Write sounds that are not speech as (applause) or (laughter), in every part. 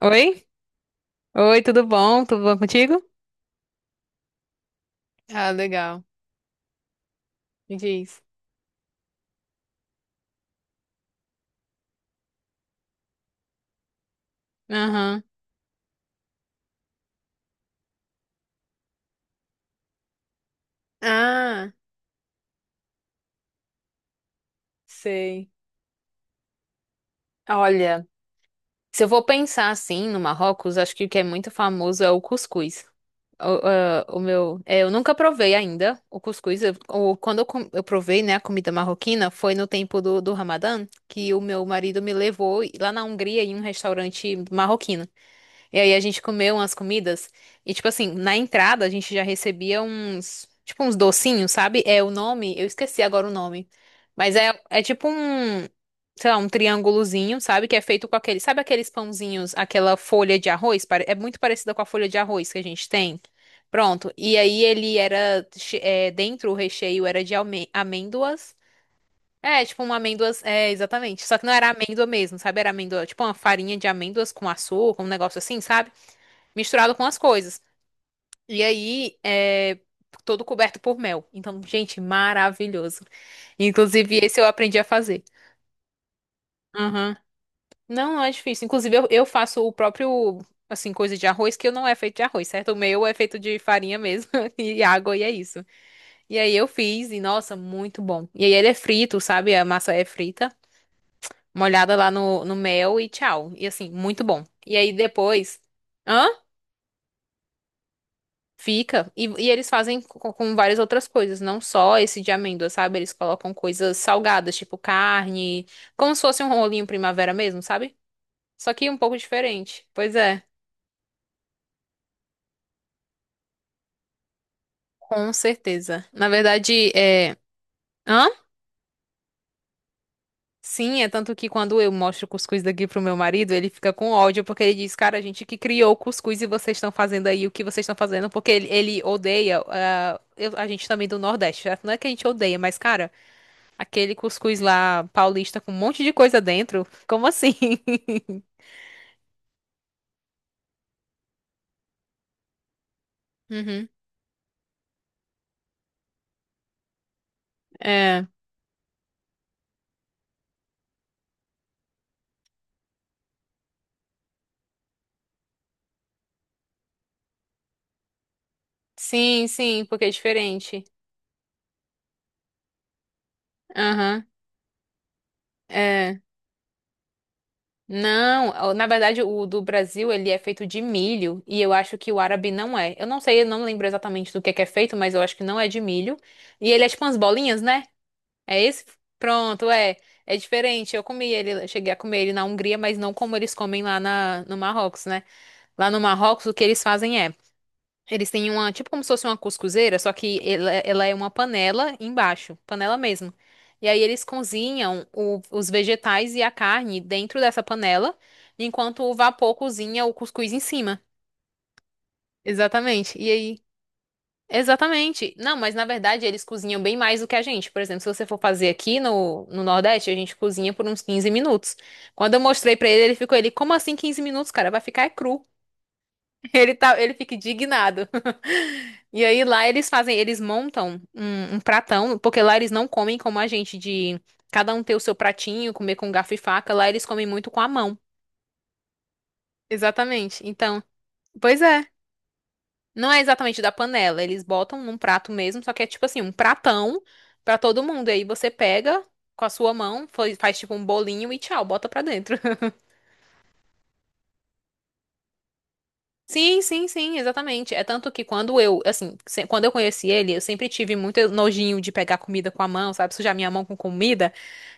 Oi? Oi, tudo bom? Tudo bom contigo? Ah, legal. Me diz. Aham. Ah, sei. Olha, se eu vou pensar assim no Marrocos, acho que o que é muito famoso é o cuscuz. O, ah, o meu, é, eu nunca provei ainda o cuscuz. Eu, ou quando eu, eu provei, né, a comida marroquina, foi no tempo do, do Ramadã, que o meu marido me levou lá na Hungria em um restaurante marroquino. E aí a gente comeu umas comidas e tipo assim, na entrada a gente já recebia uns, tipo uns docinhos, sabe? É o nome, eu esqueci agora o nome. Mas é tipo um, sei lá, um triângulozinho, sabe? Que é feito com aquele, sabe aqueles pãozinhos, aquela folha de arroz. É muito parecida com a folha de arroz que a gente tem. Pronto. E aí ele era é, dentro o recheio era de amêndoas. É, tipo uma amêndoas, é, exatamente. Só que não era amêndoa mesmo, sabe? Era amêndoa, tipo uma farinha de amêndoas com açúcar, um negócio assim, sabe? Misturado com as coisas. E aí é todo coberto por mel. Então, gente, maravilhoso. Inclusive, esse eu aprendi a fazer. Aham. Não, não é difícil. Inclusive, eu faço o próprio, assim, coisa de arroz, que eu não é feito de arroz, certo? O meu é feito de farinha mesmo (laughs) e água, e é isso. E aí eu fiz, e nossa, muito bom. E aí ele é frito, sabe? A massa é frita, molhada lá no, no mel e tchau. E assim, muito bom. E aí depois. Hã? Fica. E eles fazem com várias outras coisas, não só esse de amêndoa, sabe? Eles colocam coisas salgadas, tipo carne, como se fosse um rolinho primavera mesmo, sabe? Só que um pouco diferente. Pois é, com certeza. Na verdade, é. Hã? Sim, é tanto que quando eu mostro o cuscuz daqui pro meu marido, ele fica com ódio, porque ele diz, cara, a gente que criou o cuscuz e vocês estão fazendo aí o que vocês estão fazendo, porque ele odeia, ah, a gente também do Nordeste, certo? Não é que a gente odeia, mas, cara. Aquele cuscuz lá paulista com um monte de coisa dentro. Como assim? (laughs) Uhum. É. Sim, sim, porque é diferente. Aham. É. Não, ó, na verdade o do Brasil ele é feito de milho e eu acho que o árabe não é. Eu não sei, eu não lembro exatamente do que é feito, mas eu acho que não é de milho. E ele é tipo umas bolinhas, né? É esse? Pronto, é. É diferente. Eu comi ele, eu cheguei a comer ele na Hungria, mas não como eles comem lá na, no Marrocos, né? Lá no Marrocos o que eles fazem é eles têm uma, tipo como se fosse uma cuscuzeira, só que ela é uma panela embaixo, panela mesmo. E aí eles cozinham os vegetais e a carne dentro dessa panela, enquanto o vapor cozinha o cuscuz em cima. Exatamente. E aí? Exatamente. Não, mas na verdade eles cozinham bem mais do que a gente. Por exemplo, se você for fazer aqui no, no Nordeste, a gente cozinha por uns 15 minutos. Quando eu mostrei pra ele, ele ficou, ele, como assim 15 minutos, cara? Vai ficar é cru. Ele tá, ele fica indignado. (laughs) E aí lá eles fazem, eles montam um, um pratão, porque lá eles não comem como a gente, de cada um ter o seu pratinho, comer com garfo e faca. Lá eles comem muito com a mão. Exatamente. Então, pois é. Não é exatamente da panela, eles botam num prato mesmo, só que é tipo assim, um pratão pra todo mundo. E aí você pega com a sua mão, faz, faz tipo um bolinho e tchau, bota pra dentro. Sim, sim, sim, exatamente. É tanto que quando eu, assim, quando eu conheci ele, eu sempre tive muito nojinho de pegar comida com a mão, sabe? Sujar minha mão com comida.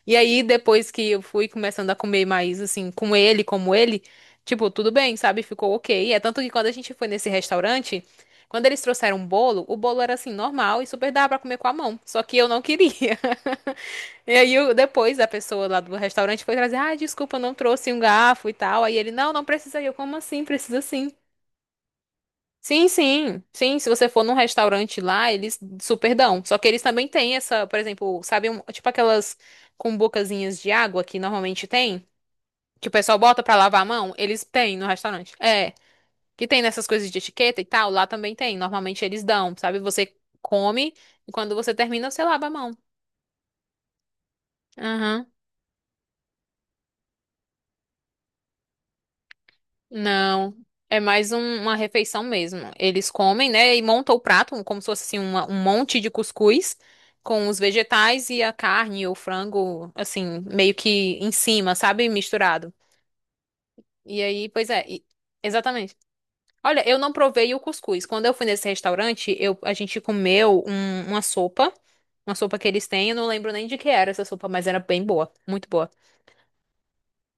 E aí, depois que eu fui começando a comer mais, assim, com ele, como ele, tipo, tudo bem, sabe? Ficou ok. É tanto que quando a gente foi nesse restaurante, quando eles trouxeram um bolo, o bolo era, assim, normal e super dava pra comer com a mão. Só que eu não queria. (laughs) E aí, depois, a pessoa lá do restaurante foi trazer, ah, desculpa, eu não trouxe um garfo e tal. Aí ele, não, não precisa. E eu, como assim? Precisa sim. Sim, sim, sim. Se você for num restaurante lá, eles super dão. Só que eles também têm essa, por exemplo, sabe, tipo aquelas com bocazinhas de água que normalmente tem, que o pessoal bota pra lavar a mão, eles têm no restaurante. É, que tem nessas coisas de etiqueta e tal, lá também tem. Normalmente eles dão, sabe? Você come e quando você termina, você lava a mão. Aham. Não, é mais uma refeição mesmo. Eles comem, né, e montam o prato como se fosse assim, um monte de cuscuz com os vegetais e a carne ou frango, assim, meio que em cima, sabe? Misturado. E aí, pois é, e- exatamente. Olha, eu não provei o cuscuz. Quando eu fui nesse restaurante, eu, a gente comeu uma sopa que eles têm, eu não lembro nem de que era essa sopa, mas era bem boa, muito boa.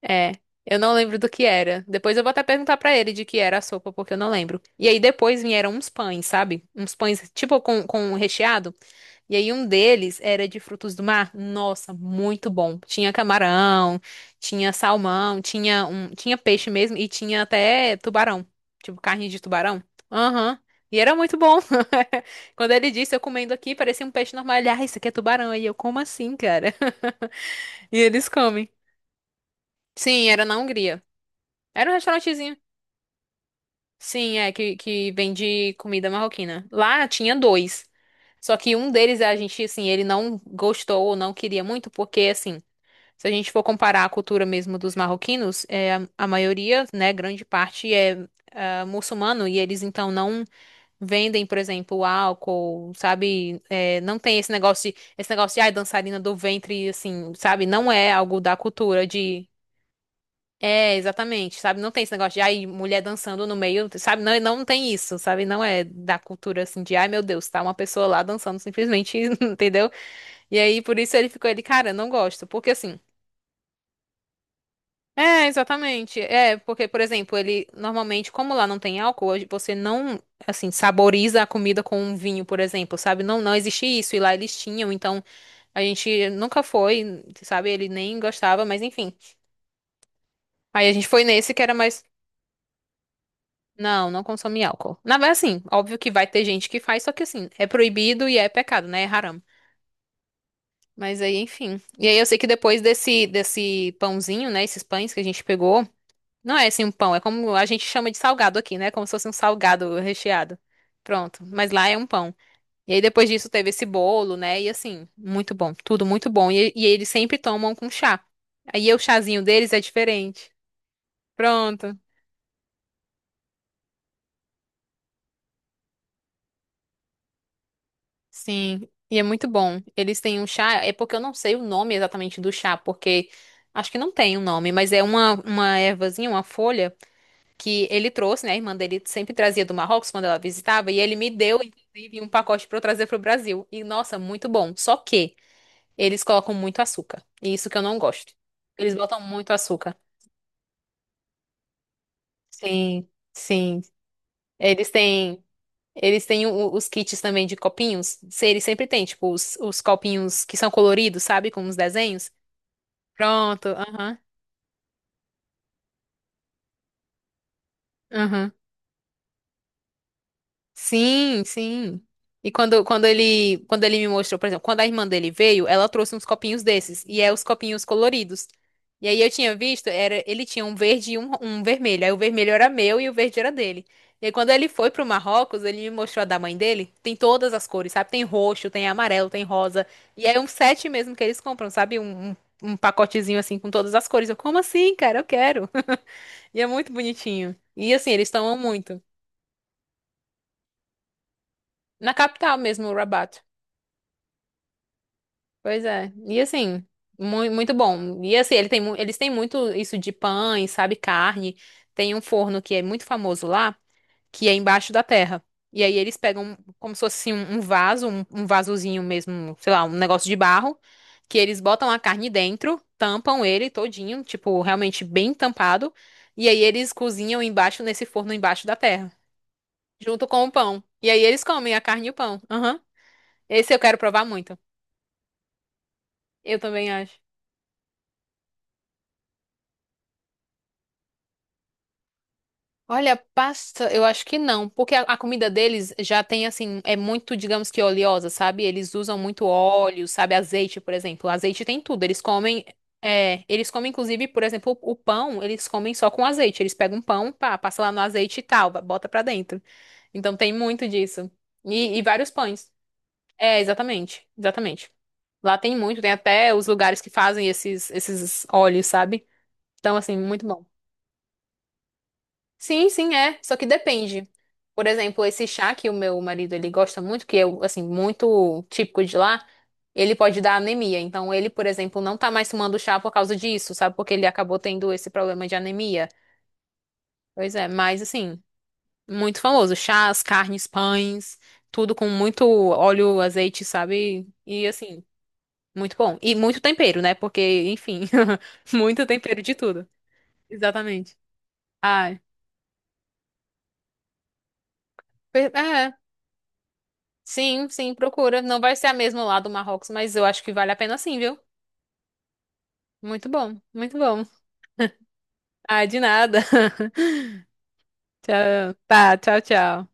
É, eu não lembro do que era. Depois eu vou até perguntar pra ele de que era a sopa, porque eu não lembro. E aí depois vieram uns pães, sabe? Uns pães tipo com recheado. E aí um deles era de frutos do mar. Nossa, muito bom. Tinha camarão, tinha salmão, tinha um, tinha peixe mesmo e tinha até tubarão, tipo carne de tubarão. Aham. E era muito bom. (laughs) Quando ele disse, eu comendo aqui, parecia um peixe normal. Ele, ah, isso aqui é tubarão. Aí eu, como assim, cara? (laughs) E eles comem. Sim, era na Hungria. Era um restaurantezinho. Sim, é, que vende comida marroquina. Lá tinha dois. Só que um deles, a gente, assim, ele não gostou ou não queria muito, porque, assim, se a gente for comparar a cultura mesmo dos marroquinos, é, a maioria, né, grande parte é, ah, muçulmano e eles, então, não vendem, por exemplo, álcool, sabe? É, não tem esse negócio de, ai, dançarina do ventre, assim, sabe? Não é algo da cultura de é, exatamente, sabe? Não tem esse negócio de, ai, mulher dançando no meio, sabe? Não, não tem isso, sabe? Não é da cultura assim de, ai, meu Deus, tá uma pessoa lá dançando simplesmente, (laughs) entendeu? E aí, por isso ele ficou, ele, cara, não gosto, porque assim. É, exatamente. É, porque, por exemplo, ele normalmente, como lá não tem álcool, hoje você não, assim, saboriza a comida com um vinho, por exemplo, sabe? Não, não existe isso, e lá eles tinham, então a gente nunca foi, sabe? Ele nem gostava, mas enfim. Aí a gente foi nesse que era mais. Não, não consome álcool. Na verdade, assim, óbvio que vai ter gente que faz, só que assim, é proibido e é pecado, né? É haram. Mas aí, enfim. E aí eu sei que depois desse, desse pãozinho, né? Esses pães que a gente pegou, não é assim um pão, é como a gente chama de salgado aqui, né? Como se fosse um salgado recheado. Pronto. Mas lá é um pão. E aí depois disso teve esse bolo, né? E assim, muito bom. Tudo muito bom. E eles sempre tomam com chá. Aí o chazinho deles é diferente. Pronto. Sim, e é muito bom. Eles têm um chá, é porque eu não sei o nome exatamente do chá, porque acho que não tem um nome, mas é uma ervazinha, uma folha que ele trouxe, né? A irmã dele sempre trazia do Marrocos quando ela visitava, e ele me deu, inclusive, um pacote pra eu trazer pro Brasil. E nossa, muito bom. Só que eles colocam muito açúcar, e isso que eu não gosto. Eles botam muito açúcar. Sim, sim. Eles têm. Eles têm os kits também de copinhos. Eles sempre têm, tipo, os copinhos que são coloridos, sabe? Com os desenhos. Pronto, aham. Aham. Sim, sim. E quando, quando ele me mostrou, por exemplo, quando a irmã dele veio, ela trouxe uns copinhos desses, e é os copinhos coloridos. E aí eu tinha visto, era, ele tinha um verde e um vermelho. Aí o vermelho era meu e o verde era dele. E aí quando ele foi pro Marrocos, ele me mostrou a da mãe dele. Tem todas as cores, sabe? Tem roxo, tem amarelo, tem rosa. E é um set mesmo que eles compram, sabe? Um pacotezinho assim com todas as cores. Eu, como assim, cara? Eu quero. (laughs) E é muito bonitinho. E assim, eles tomam muito. Na capital mesmo, Rabat. Pois é. E assim, muito bom. E assim, ele tem, mu- eles têm muito isso de pães, sabe, carne. Tem um forno que é muito famoso lá, que é embaixo da terra. E aí eles pegam como se fosse um, um vaso, um vasozinho mesmo, sei lá, um negócio de barro, que eles botam a carne dentro, tampam ele todinho, tipo, realmente bem tampado. E aí eles cozinham embaixo nesse forno embaixo da terra, junto com o pão. E aí eles comem a carne e o pão. Aham. Esse eu quero provar muito. Eu também acho. Olha, pasta, eu acho que não, porque a comida deles já tem assim, é muito, digamos que oleosa, sabe? Eles usam muito óleo, sabe? Azeite, por exemplo. Azeite tem tudo. Eles comem, é, eles comem inclusive, por exemplo, o pão, eles comem só com azeite. Eles pegam um pão, pá, passa lá no azeite e tal, bota pra dentro. Então tem muito disso. E vários pães. É, exatamente, exatamente. Lá tem muito, tem até os lugares que fazem esses, esses óleos, sabe? Então, assim, muito bom. Sim, sim, é. Só que depende. Por exemplo, esse chá que o meu marido ele gosta muito, que é assim muito típico de lá, ele pode dar anemia. Então ele, por exemplo, não tá mais tomando chá por causa disso, sabe? Porque ele acabou tendo esse problema de anemia. Pois é, mas assim, muito famoso. Chás, carnes, pães, tudo com muito óleo, azeite, sabe? E assim, muito bom. E muito tempero, né? Porque, enfim, (laughs) muito tempero de tudo. Exatamente. Ai, per- é. Sim, sim, procura. Não vai ser a mesma lá do Marrocos, mas eu acho que vale a pena sim, viu? Muito bom, muito bom. Ah, de nada. (laughs) Tchau. Tá, tchau, tchau.